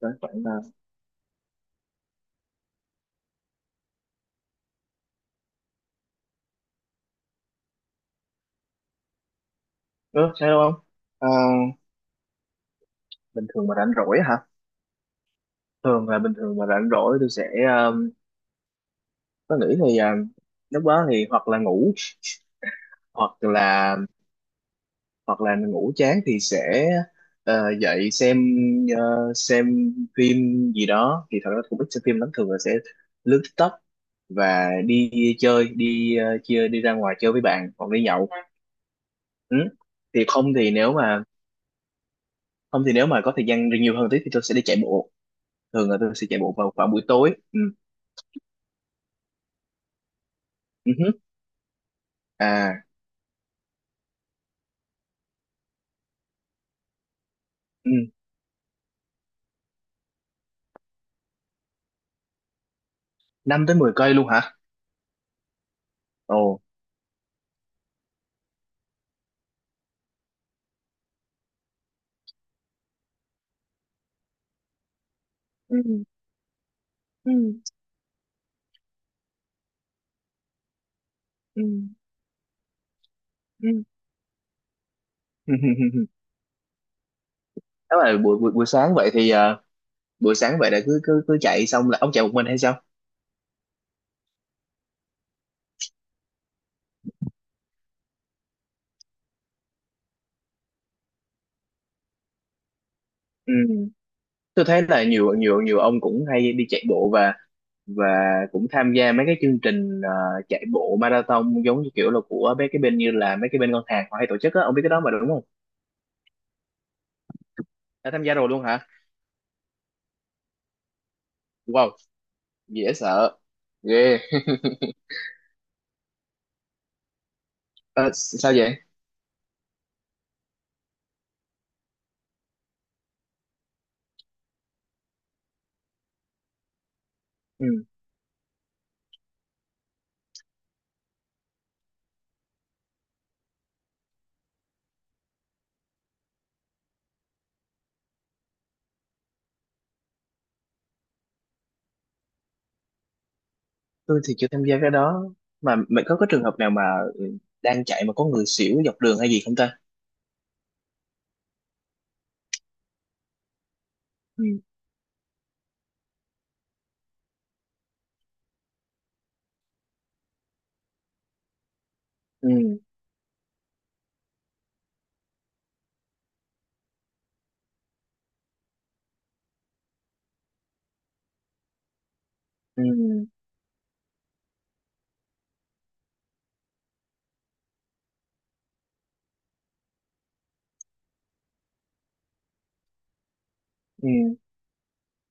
Đoán khoảng là ơ sao đâu không à, bình thường mà rảnh rỗi hả? Thường là bình thường mà rảnh rỗi tôi sẽ um, có nghĩ thì lúc đó thì hoặc là ngủ, hoặc là, hoặc là ngủ chán thì sẽ dậy xem, xem phim gì đó. Thì thật ra cũng ít xem phim lắm, thường là sẽ lướt TikTok và đi chơi, đi chia đi ra ngoài chơi với bạn hoặc đi nhậu. Ừ. Không thì nếu mà không thì nếu mà có thời gian nhiều hơn tí thì tôi sẽ đi chạy bộ. Thường là tôi sẽ chạy bộ vào khoảng buổi tối. Ừ. Ừ, hứ. À. Ừ. 5 tới 10 cây luôn hả? Ồ. Ừ. Ừ. Nếu mà buổi buổi buổi sáng vậy thì buổi sáng vậy là cứ cứ cứ chạy xong là ông chạy một mình hay sao? Ừ. Ừ. Tôi thấy là nhiều nhiều nhiều ông cũng hay đi chạy bộ, và cũng tham gia mấy cái chương trình chạy bộ marathon, giống như kiểu là của mấy cái bên như là mấy cái bên ngân hàng họ hay tổ chức á, ông biết cái đó mà đúng không? Đã tham gia rồi luôn hả? Wow, dễ sợ. Ghê. Ờ, sao vậy? Ừ. Tôi thì chưa tham gia cái đó, mà mày có cái trường hợp nào mà đang chạy mà có người xỉu dọc đường hay gì không ta? Ừ ừ ừ ừ ừ ừ ừ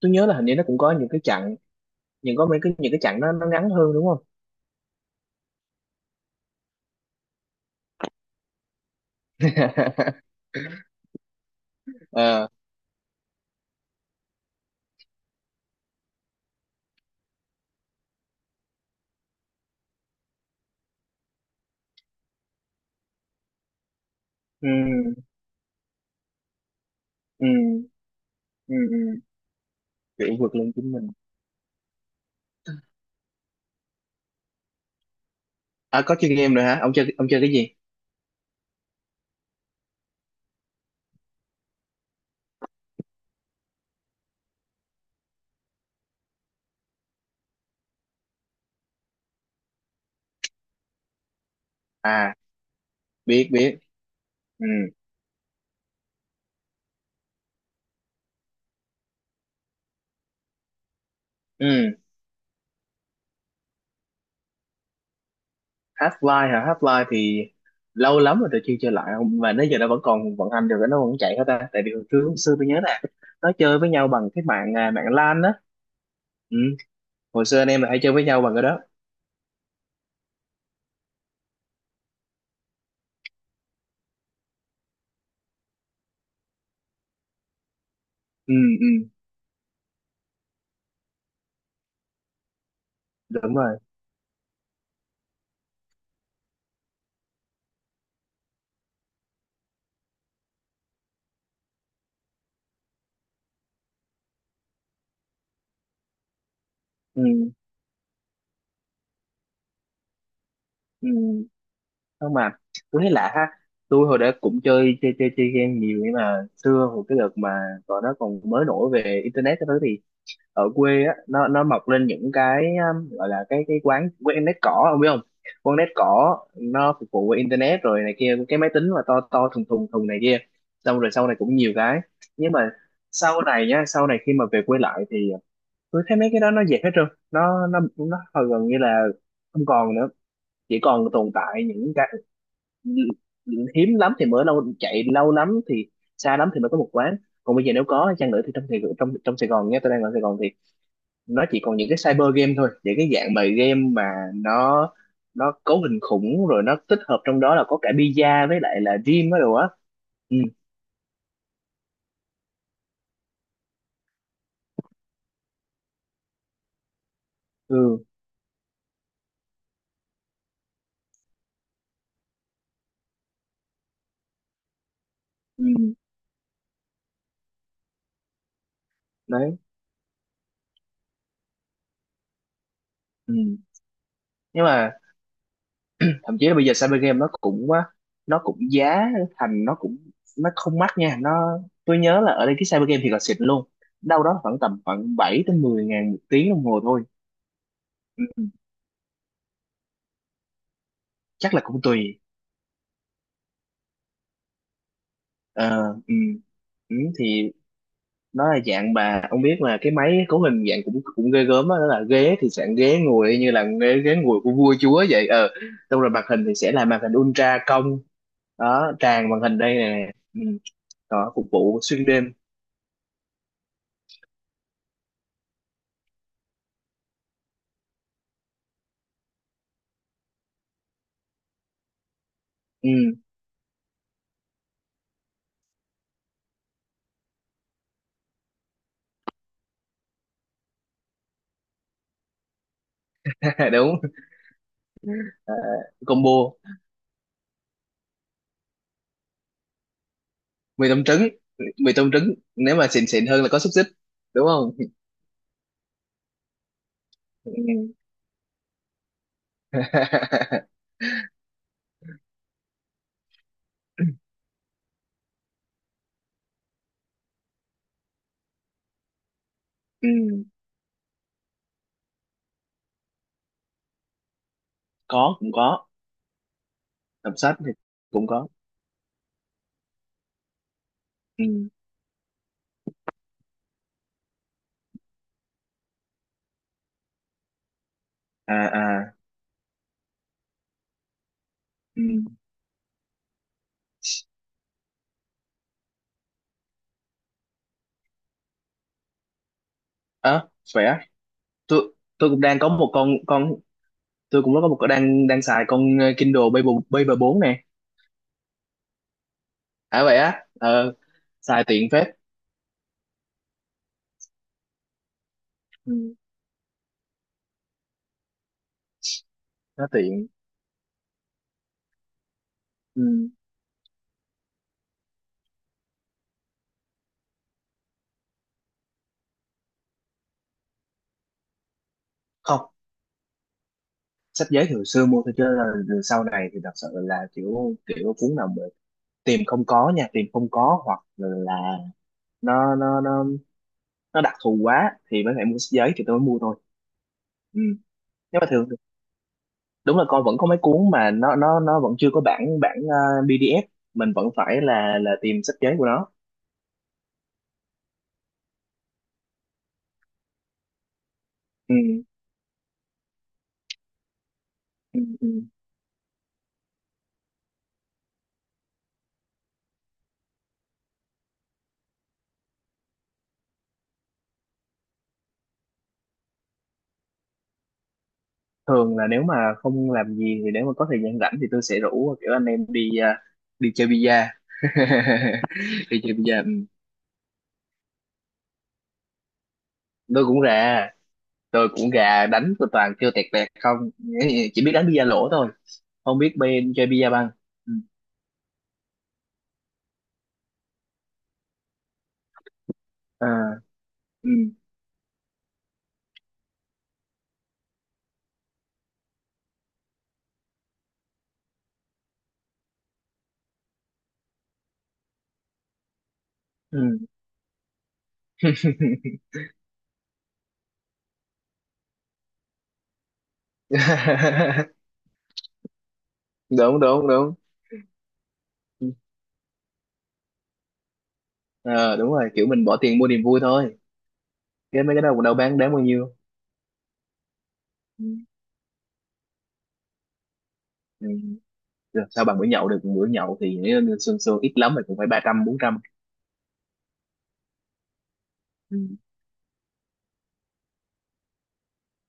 Tôi nhớ là hình như nó cũng có những cái chặng, nhưng có mấy cái những cái chặng nó ngắn hơn đúng không? Ờ. Ừ. Ừ. Ừ. Ừ. Kiểu vượt lên chính mình. À, có chơi game rồi hả? Ông chơi, ông chơi cái gì? À, biết biết. Ừ. Ừ. Half-Life hả? Half-Life thì lâu lắm rồi tôi chưa chơi lại. Không mà đến giờ nó vẫn còn vận hành được, nó vẫn chạy hết ta? Tại vì hồi trước hồi xưa tôi nhớ là nó chơi với nhau bằng cái mạng, à, mạng LAN á. Ừ. Hồi xưa anh em là hay chơi với nhau bằng cái đó. Ừ, ừ. Đúng rồi. Ừ, ừ. Không mà tôi thấy lạ ha, tôi hồi đó cũng chơi chơi chơi chơi game nhiều nhưng mà xưa hồi cái đợt mà còn nó còn mới nổi về internet cái thứ thì ở quê á, nó mọc lên những cái gọi là cái quán quán nét cỏ, ông biết không? Quán nét cỏ nó phục vụ qua internet rồi này kia, cái máy tính mà to to thùng thùng thùng này kia. Xong rồi sau này cũng nhiều cái, nhưng mà sau này nhá, sau này khi mà về quê lại thì tôi thấy mấy cái đó nó dẹp hết trơn, nó nó hầu gần như là không còn nữa. Chỉ còn tồn tại những cái hiếm lắm thì mới lâu chạy lâu lắm thì xa lắm thì mới có một quán. Còn bây giờ nếu có chăng nữa thì trong Sài Gòn nhé, tôi đang ở Sài Gòn, nó chỉ còn những cái cyber game thôi, những cái dạng mà game mà nó nó cấu hình khủng, rồi nó tích hợp trong đó là có cả pizza với lại là gym á đồ á. Ừ. Ừ. Ừ. Đấy. Ừ. Nhưng mà thậm chí là bây giờ cyber game nó cũng á, nó cũng giá thành nó cũng, nó không mắc nha. Nó, tôi nhớ là ở đây cái cyber game thì còn xịn luôn, đâu đó khoảng tầm khoảng 7 tới 10 ngàn một tiếng đồng hồ thôi. Ừ. Chắc là cũng tùy. Ờ. Ừ. Ừ. Thì nó là dạng bà, ông biết là cái máy cấu hình dạng cũng cũng ghê gớm á, đó là ghế thì dạng ghế ngồi y như là ghế ghế ngồi của vua chúa vậy. Ờ, xong rồi màn hình thì sẽ là màn hình ultra cong, đó tràn màn hình đây nè. Ừ. Đó, phục vụ xuyên đêm. Ừ. Đúng. Ờ, combo mì tôm trứng. Mì tôm trứng nếu mà xịn xịn hơn là có xúc xích, đúng không? Ừ. Ừ. Có, cũng có. Đọc sách thì cũng có. Ừ. À à. Ừ. À, khỏe. Tôi cũng đang có một con, tôi cũng có một con đang đang xài con Kindle Paper Paper 4 nè. À vậy á? Ờ, xài tiện phết. Ừ, nó tiện. Ừ. Không, sách giấy thì hồi xưa mua thôi chứ là sau này thì thật sự là kiểu kiểu cuốn nào mà tìm không có nha, tìm không có hoặc là nó nó đặc thù quá thì mới phải mua sách giấy thì tôi mới mua thôi. Ừ. Nhưng mà thường đúng là con vẫn có mấy cuốn mà nó nó vẫn chưa có bản bản PDF, mình vẫn phải là tìm sách giấy của nó. Ừ. Ừ, ừ. Thường là nếu mà không làm gì thì nếu mà có thời gian rảnh thì tôi sẽ rủ kiểu anh em đi đi chơi bida. Đi chơi bida. Ừ, tôi cũng ra, tôi cũng gà, đánh tôi toàn kêu tẹt tẹt không, chỉ biết đánh bida lỗ thôi, không biết bên chơi bida băng. Ừ. À. Ừ. Ừ. Đúng đúng đúng. Ờ, đúng rồi, kiểu mình bỏ tiền mua niềm vui thôi. Cái mấy cái đó cũng đâu bán đáng bao nhiêu. Ừ. Ừ. Được, sao bằng bữa nhậu được, bữa nhậu thì nếu như sương sương ít lắm thì cũng phải ba trăm bốn trăm. Ừ.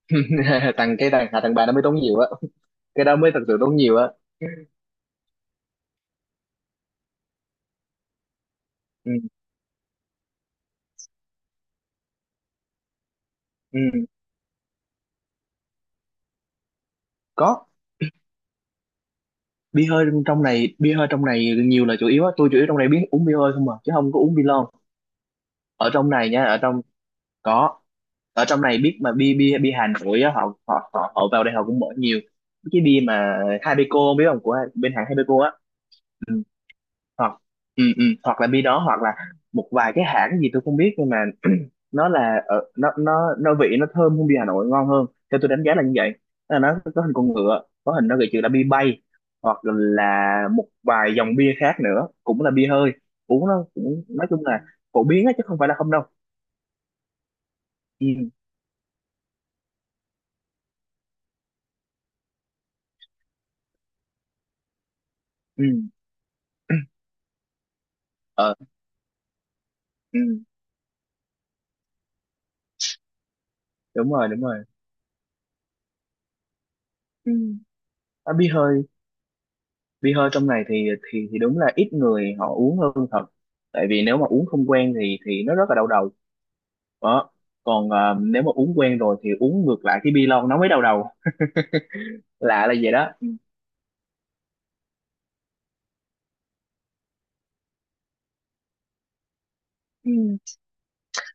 Thằng cái đàn hạ thằng bà nó mới tốn nhiều á, cái đó mới thật sự tốn nhiều á. Ừ. Ừ. Có. Bia hơi trong này, bia hơi trong này nhiều là chủ yếu á, tôi chủ yếu trong này biết uống bia hơi không mà, chứ không có uống bia lon. Ở trong này nha, ở trong. Có. Ở trong này biết mà, bia bia bia Hà Nội á, họ họ vào đây họ cũng mở nhiều, cái bia mà Habeco, biết không, của bên hãng Habeco á. Ừ. Hoặc, ừ, ừ, hoặc là bi đó hoặc là một vài cái hãng gì tôi không biết, nhưng mà nó là ở nó nó vị nó thơm hơn bia Hà Nội, ngon hơn, theo tôi đánh giá là như vậy. Tức là nó có hình con ngựa, có hình nó gợi chữ là bia bay, hoặc là một vài dòng bia khác nữa cũng là bia hơi, uống nó cũng nói chung là phổ biến á, chứ không phải là không đâu. Ừ. Ừ. Ờ. Ừ. Đúng rồi, đúng rồi. Ừ. À, bia hơi, bia hơi trong này thì thì đúng là ít người họ uống hơn thật, tại vì nếu mà uống không quen thì nó rất là đau đầu. Đó. Còn nếu mà uống quen rồi thì uống ngược lại cái bia lon nó mới đau đầu, lạ là vậy đó.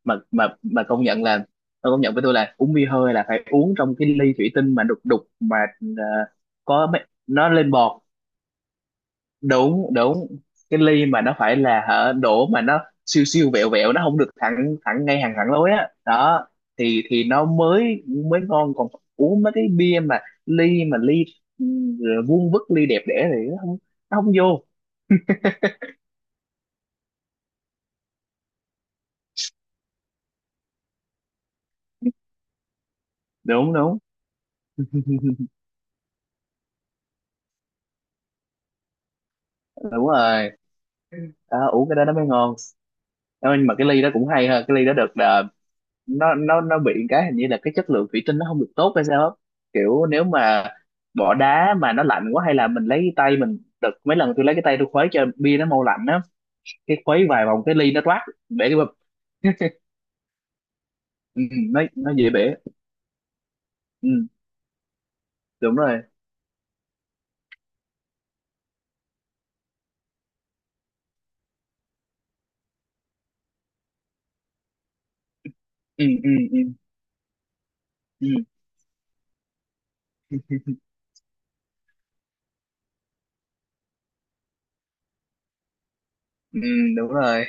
Mà mà công nhận là, tôi công nhận với tôi là uống bia hơi là phải uống trong cái ly thủy tinh mà đục đục mà, à, có mấy- nó lên bọt. Đúng đúng. Cái ly mà nó phải là hả đổ mà nó siêu siêu vẹo vẹo, nó không được thẳng thẳng ngay hàng thẳng lối á đó, thì nó mới mới ngon. Còn uống mấy cái bia mà ly mà ly, ừ, vuông vức ly đẹp đẽ thì nó không, nó không vô. Đúng đúng. Đúng rồi. Đó, uống cái đó nó mới ngon. Đó, nhưng mà cái ly đó cũng hay ha, cái ly đó được là nó nó bị cái, hình như là cái chất lượng thủy tinh nó không được tốt hay sao á. Kiểu nếu mà bỏ đá mà nó lạnh quá, hay là mình lấy tay mình, đợt mấy lần tôi lấy cái tay tôi khuấy cho bia nó mau lạnh á, cái khuấy vài vòng cái ly nó toát bể cái bụp. Ừ, nó dễ bể. Ừ, đúng rồi. Ừ, ừ, ừ, ừ, ừ, đúng rồi.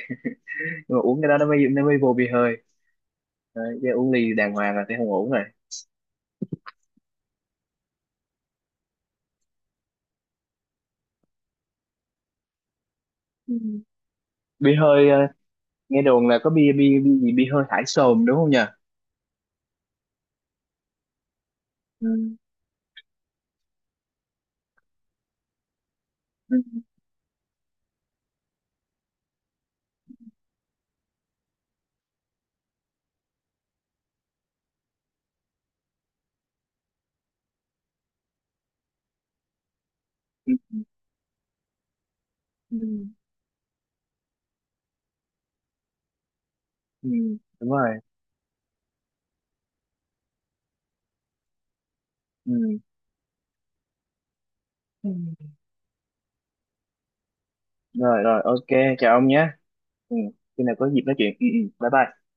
Nhưng mà uống cái đó nó mới, nó mới vô bia hơi. Đấy, chứ uống ly đàng hoàng là sẽ không ổn rồi. Ừ. Bia hơi nghe đồn là có bia bia bia gì bia hơi thải sồn, đúng không nhỉ? Ừ. Ừ, ừ, ừ, đúng rồi. Ừ. Ừ. Rồi rồi, ok. Chào ông nhé. Ừ. Khi nào có dịp nói chuyện. Ừ, ừ. Bye bye.